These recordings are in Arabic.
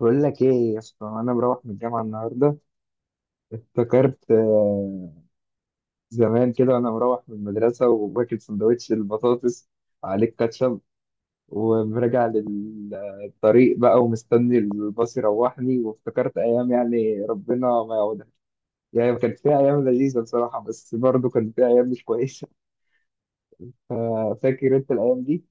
بقول لك ايه يا اسطى؟ انا مروح من الجامعه النهارده. افتكرت زمان كده وانا مروح من المدرسه وباكل سندوتش البطاطس عليه كاتشب، وراجع للطريق بقى ومستني الباص يروحني. وافتكرت ايام، يعني ربنا ما يعودها. يعني كانت فيها ايام لذيذه بصراحه، بس برضه كان فيها ايام مش كويسه. فاكر انت الايام دي.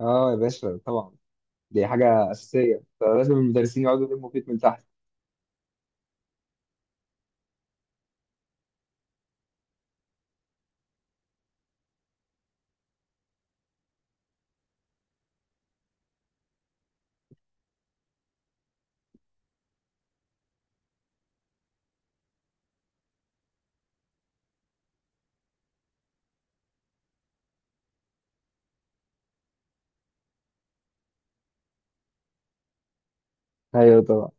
اه يا باشا طبعا. دي حاجه اساسيه، لازم المدرسين يقعدوا يلموا فيك من تحت. ايوه طبعا.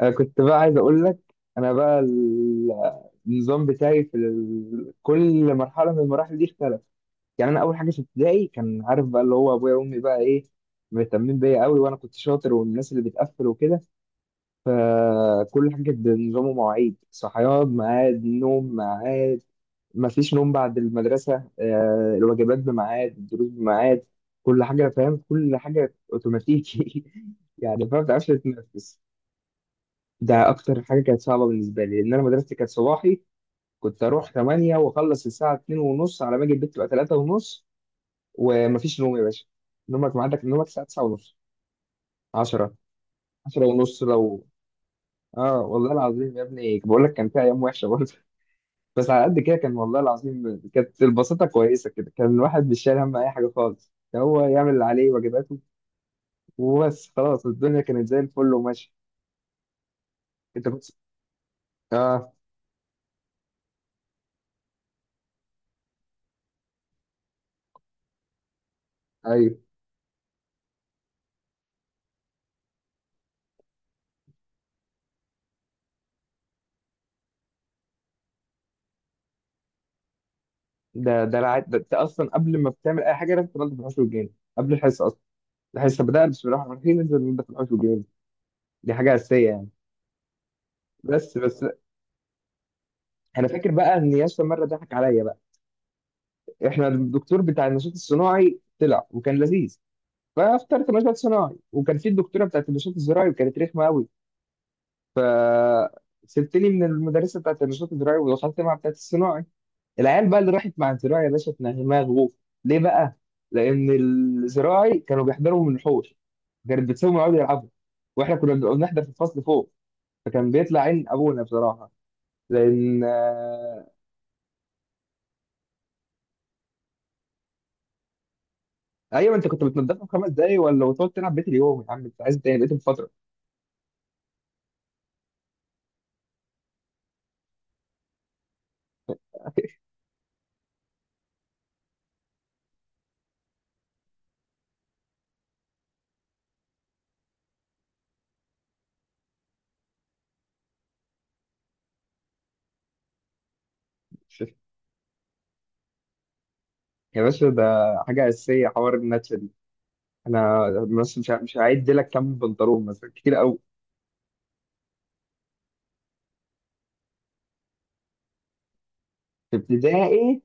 انا كنت بقى عايز اقول لك، انا بقى النظام بتاعي في كل مرحله من المراحل دي اختلف. يعني انا اول حاجه في ابتدائي، كان عارف بقى اللي هو ابويا وامي بقى ايه، مهتمين بيا قوي وانا كنت شاطر والناس اللي بتقفل وكده. فكل حاجه كانت بنظام ومواعيد، صحيان ميعاد، نوم ميعاد، مفيش نوم بعد المدرسه، الواجبات بميعاد، الدروس بميعاد. كل حاجه فاهم، كل حاجه اوتوماتيكي. يعني فاهم، ما بتعرفش تتنفس. ده اكتر حاجه كانت صعبه بالنسبه لي، لان انا مدرستي كانت صباحي. كنت اروح 8 واخلص الساعه 2 ونص، على ما اجي البيت تبقى 3 ونص. ومفيش نوم يا باشا، نومك عندك نومك الساعه 9 ونص، 10، 10 ونص لو. اه والله العظيم يا ابني بقول لك كان في ايام وحشه برضه. بس على قد كده كان، والله العظيم كانت البساطه كويسه كده، كان الواحد مش شايل هم اي حاجه خالص، كان هو يعمل اللي عليه واجباته وبس خلاص. الدنيا كانت زي الفل وماشي. انت كنت، اه ايوه. ده اصلا قبل ما بتعمل اي حاجه لازم تنضف الحوش والجيران قبل الحصه اصلا. الحصه بدأت بسم الله الرحمن الرحيم، لازم ننضف الحوش والجيران. دي حاجه اساسيه يعني. بس بس، انا فاكر بقى ان ياسر مره ضحك عليا بقى. احنا الدكتور بتاع النشاط الصناعي طلع وكان لذيذ، فاخترت نشاط صناعي. وكان في الدكتوره بتاعت النشاط الزراعي وكانت رخمه قوي. ف سبتني من المدرسه بتاعت النشاط الزراعي ودخلت مع بتاعت الصناعي. العيال بقى اللي راحت مع الزراعي يا باشا اتنغمها غوف. ليه بقى؟ لأن الزراعي كانوا بيحضروا من الحوش، كانت بتسيبهم يقعدوا يلعبوا، واحنا كنا بنبقى بنحضر في الفصل فوق، فكان بيطلع عين ابونا بصراحه. لان آه، ايوه، انت كنت بتنضفها في 5 دقايق، ولا وتقعد تلعب بيت اليوم يا عم انت عايز تاني بقيت بفتره. يا باشا ده حاجه اساسيه، حوار النتشه دي. انا بس مش ه- مش هعد لك كم بنطلون مثلا، كتير قوي. في ابتدائي،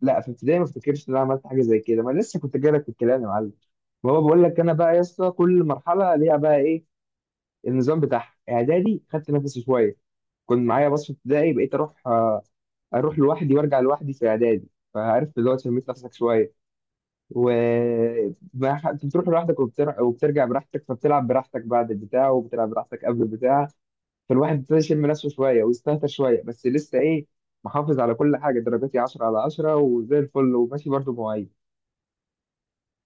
لا في ابتدائي ما افتكرش ان انا عملت حاجه زي كده، ما أنا لسه كنت جايلك في الكلام يا معلم. ما هو بقول لك انا بقى يا اسطى، كل مرحله ليها بقى ايه النظام بتاعها. اعدادي خدت نفسي شويه، كنت معايا باص في ابتدائي، بقيت اروح اروح لوحدي وارجع لوحدي في اعدادي. فعرفت دلوقتي لميت نفسك شويه. و ما ح- كنت بتروح لوحدك وبترجع براحتك فبتلعب براحتك بعد البتاع وبتلعب براحتك قبل البتاع. فالواحد ابتدى يشم نفسه شويه ويستهتر شويه، بس لسه ايه، محافظ على كل حاجه، درجاتي 10 على 10 وزي الفل وماشي، برضه مواعيد.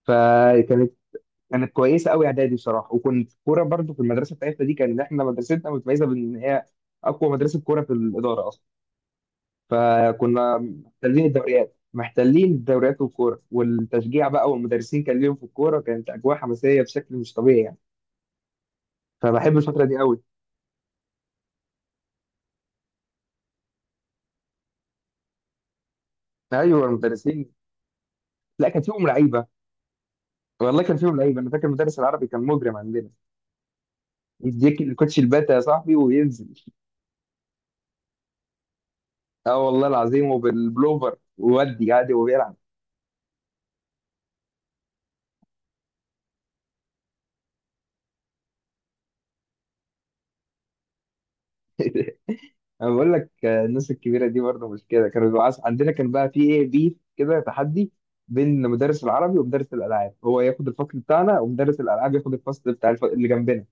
فكانت كانت كويسه قوي اعدادي بصراحه. وكنت كوره برضو، في المدرسه بتاعتنا دي كان احنا مدرستنا متميزه بان هي اقوى مدرسه كوره في الاداره اصلا. فكنا محتلين الدوريات، محتلين الدوريات والكوره والتشجيع بقى، والمدرسين كان ليهم في الكوره، كانت اجواء حماسيه بشكل مش طبيعي يعني. فبحب الفتره دي قوي. ايوه المدرسين، لا كان فيهم لعيبه، والله كان فيهم لعيبه. انا فاكر المدرس العربي كان مجرم عندنا، يديك الكوتش الباتا يا صاحبي وينزل. اه والله العظيم وبالبلوفر وودي عادي وبيلعب. انا بقول لك الناس الكبيره دي برضه مش كده. كانوا بيبقوا عندنا كان بقى في ايه بيف كده تحدي بين مدرس العربي ومدرس الالعاب، هو ياخد الفصل بتاعنا ومدرس الالعاب ياخد الفصل بتاع اللي جنبنا.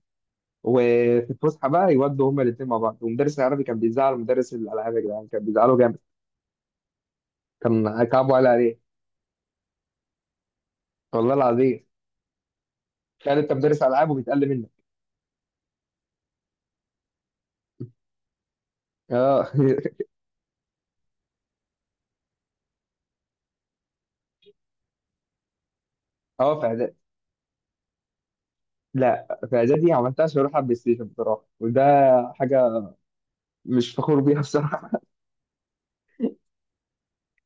وفي الفسحه بقى يودوا هما الاثنين مع بعض، ومدرس العربي كان بيزعل مدرس الالعاب يا جدعان، كان بيزعله جامد، كان كعبه على عليه. والله العظيم تخيل انت مدرس العاب وبيتقل منك. اه اه في اعدادي، لا في اعدادي عملتها عشان اروح على البلاي ستيشن بصراحه، وده حاجه مش فخور بيها بصراحه.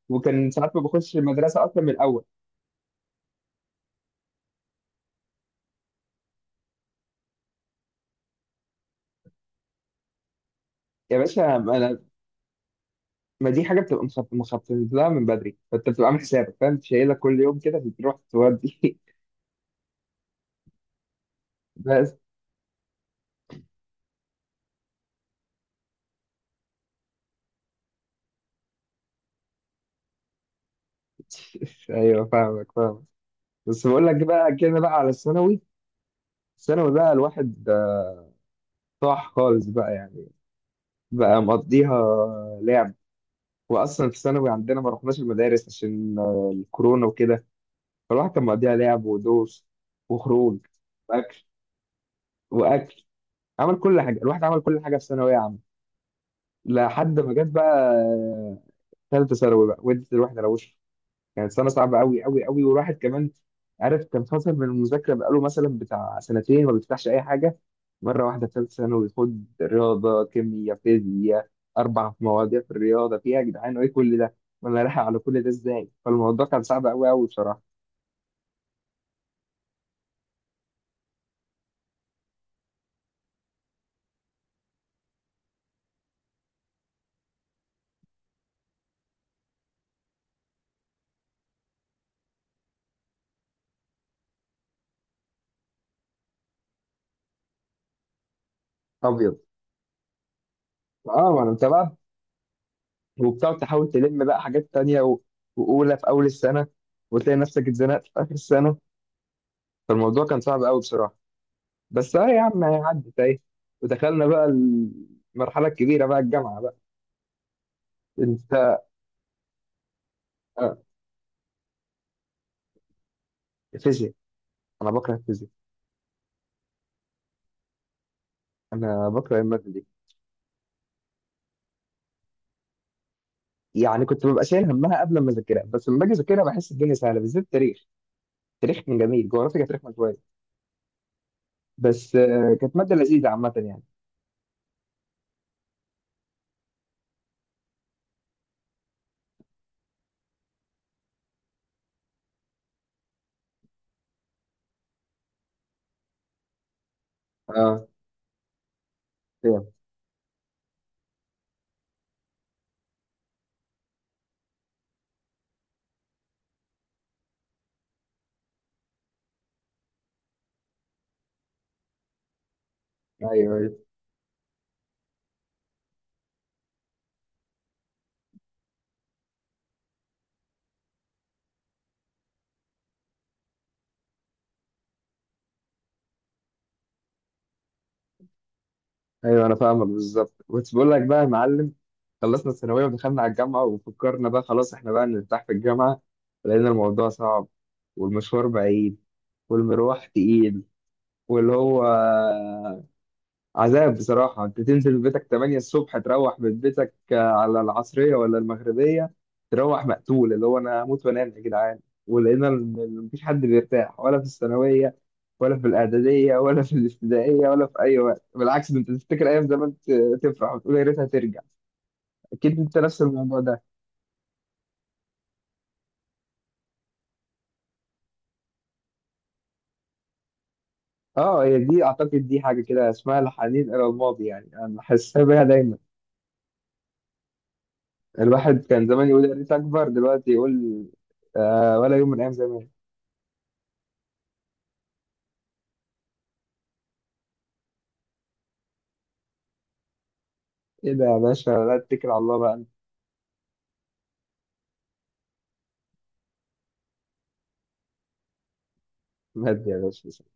وكان ساعات ما باخدش المدرسه اصلا من الاول. يا باشا، ما انا، ما دي حاجه بتبقى مخطط لها من بدري، فانت بتبقى عامل حسابك فاهم، أنت شايلها كل يوم كده بتروح تودي. بس ايوه فاهمك فاهمك. بس بقول لك بقى كده بقى على الثانوي. الثانوي بقى الواحد طاح خالص بقى يعني. بقى مقضيها لعب، واصلا في الثانوي عندنا ما رحناش المدارس عشان الكورونا وكده. فالواحد كان مقضيها لعب ودوس وخروج واكل واكل. عمل كل حاجه، الواحد عمل كل حاجه في ثانويه عامه. لحد ما جت بقى ثالثه ثانوي بقى وانت الواحد روشه. كانت سنه صعبه قوي قوي قوي، والواحد كمان عارف كان فاصل من المذاكره بقاله مثلا بتاع سنتين ما بيفتحش اي حاجه. مره واحده في ثالثه ثانوي خد رياضه كيمياء فيزياء، 4 مواضيع في الرياضه، فيها يا جدعان ايه كل ده، وانا رايح على كل ده ازاي؟ فالموضوع كان صعب قوي قوي بصراحه. ابيض. اه ما انا متابع، وبتقعد تحاول تلم بقى حاجات تانية واولى في اول السنه، وتلاقي نفسك اتزنقت في اخر السنه. فالموضوع كان صعب قوي بصراحه. بس اه يا عم يعني عدت اهي، ودخلنا بقى المرحله الكبيره بقى، الجامعه بقى. انت فيزياء، انا بكره الفيزياء، انا بكره الماده دي. يعني كنت ببقى شايل همها قبل ما اذاكرها، بس لما باجي اذاكرها بحس الدنيا سهله، بالذات التاريخ. التاريخ كان جميل، جغرافيا كانت رخمه شويه، بس آه، كانت ماده لذيذه عامه يعني. اه فاهم. ايوه أيوة. ايوه انا فاهمك بالظبط، كنت بقول لك بقى يا معلم، خلصنا الثانويه ودخلنا على الجامعه، وفكرنا بقى خلاص احنا بقى نرتاح في الجامعه، لقينا الموضوع صعب، والمشوار بعيد، والمروح تقيل، واللي هو عذاب بصراحة. أنت تنزل بيتك 8 الصبح تروح من بيتك على العصرية ولا المغربية، تروح مقتول، اللي هو أنا هموت وأنام يا جدعان. ولقينا إن مفيش حد بيرتاح، ولا في الثانوية ولا في الإعدادية ولا في الابتدائية ولا في أي وقت، بالعكس ده أنت تفتكر أيام زمان تفرح وتقول يا ريتها ترجع. أكيد أنت نفس الموضوع ده. أه هي دي أعتقد دي حاجة كده اسمها الحنين إلى الماضي يعني، أنا حاسسها بيها دايما. الواحد كان زمان يقول يا ريت أكبر دلوقتي، يقول آه ولا يوم من أيام زمان. ايه ده يا باشا، لا اتكل على الله بقى انت. مهدي يا باشا.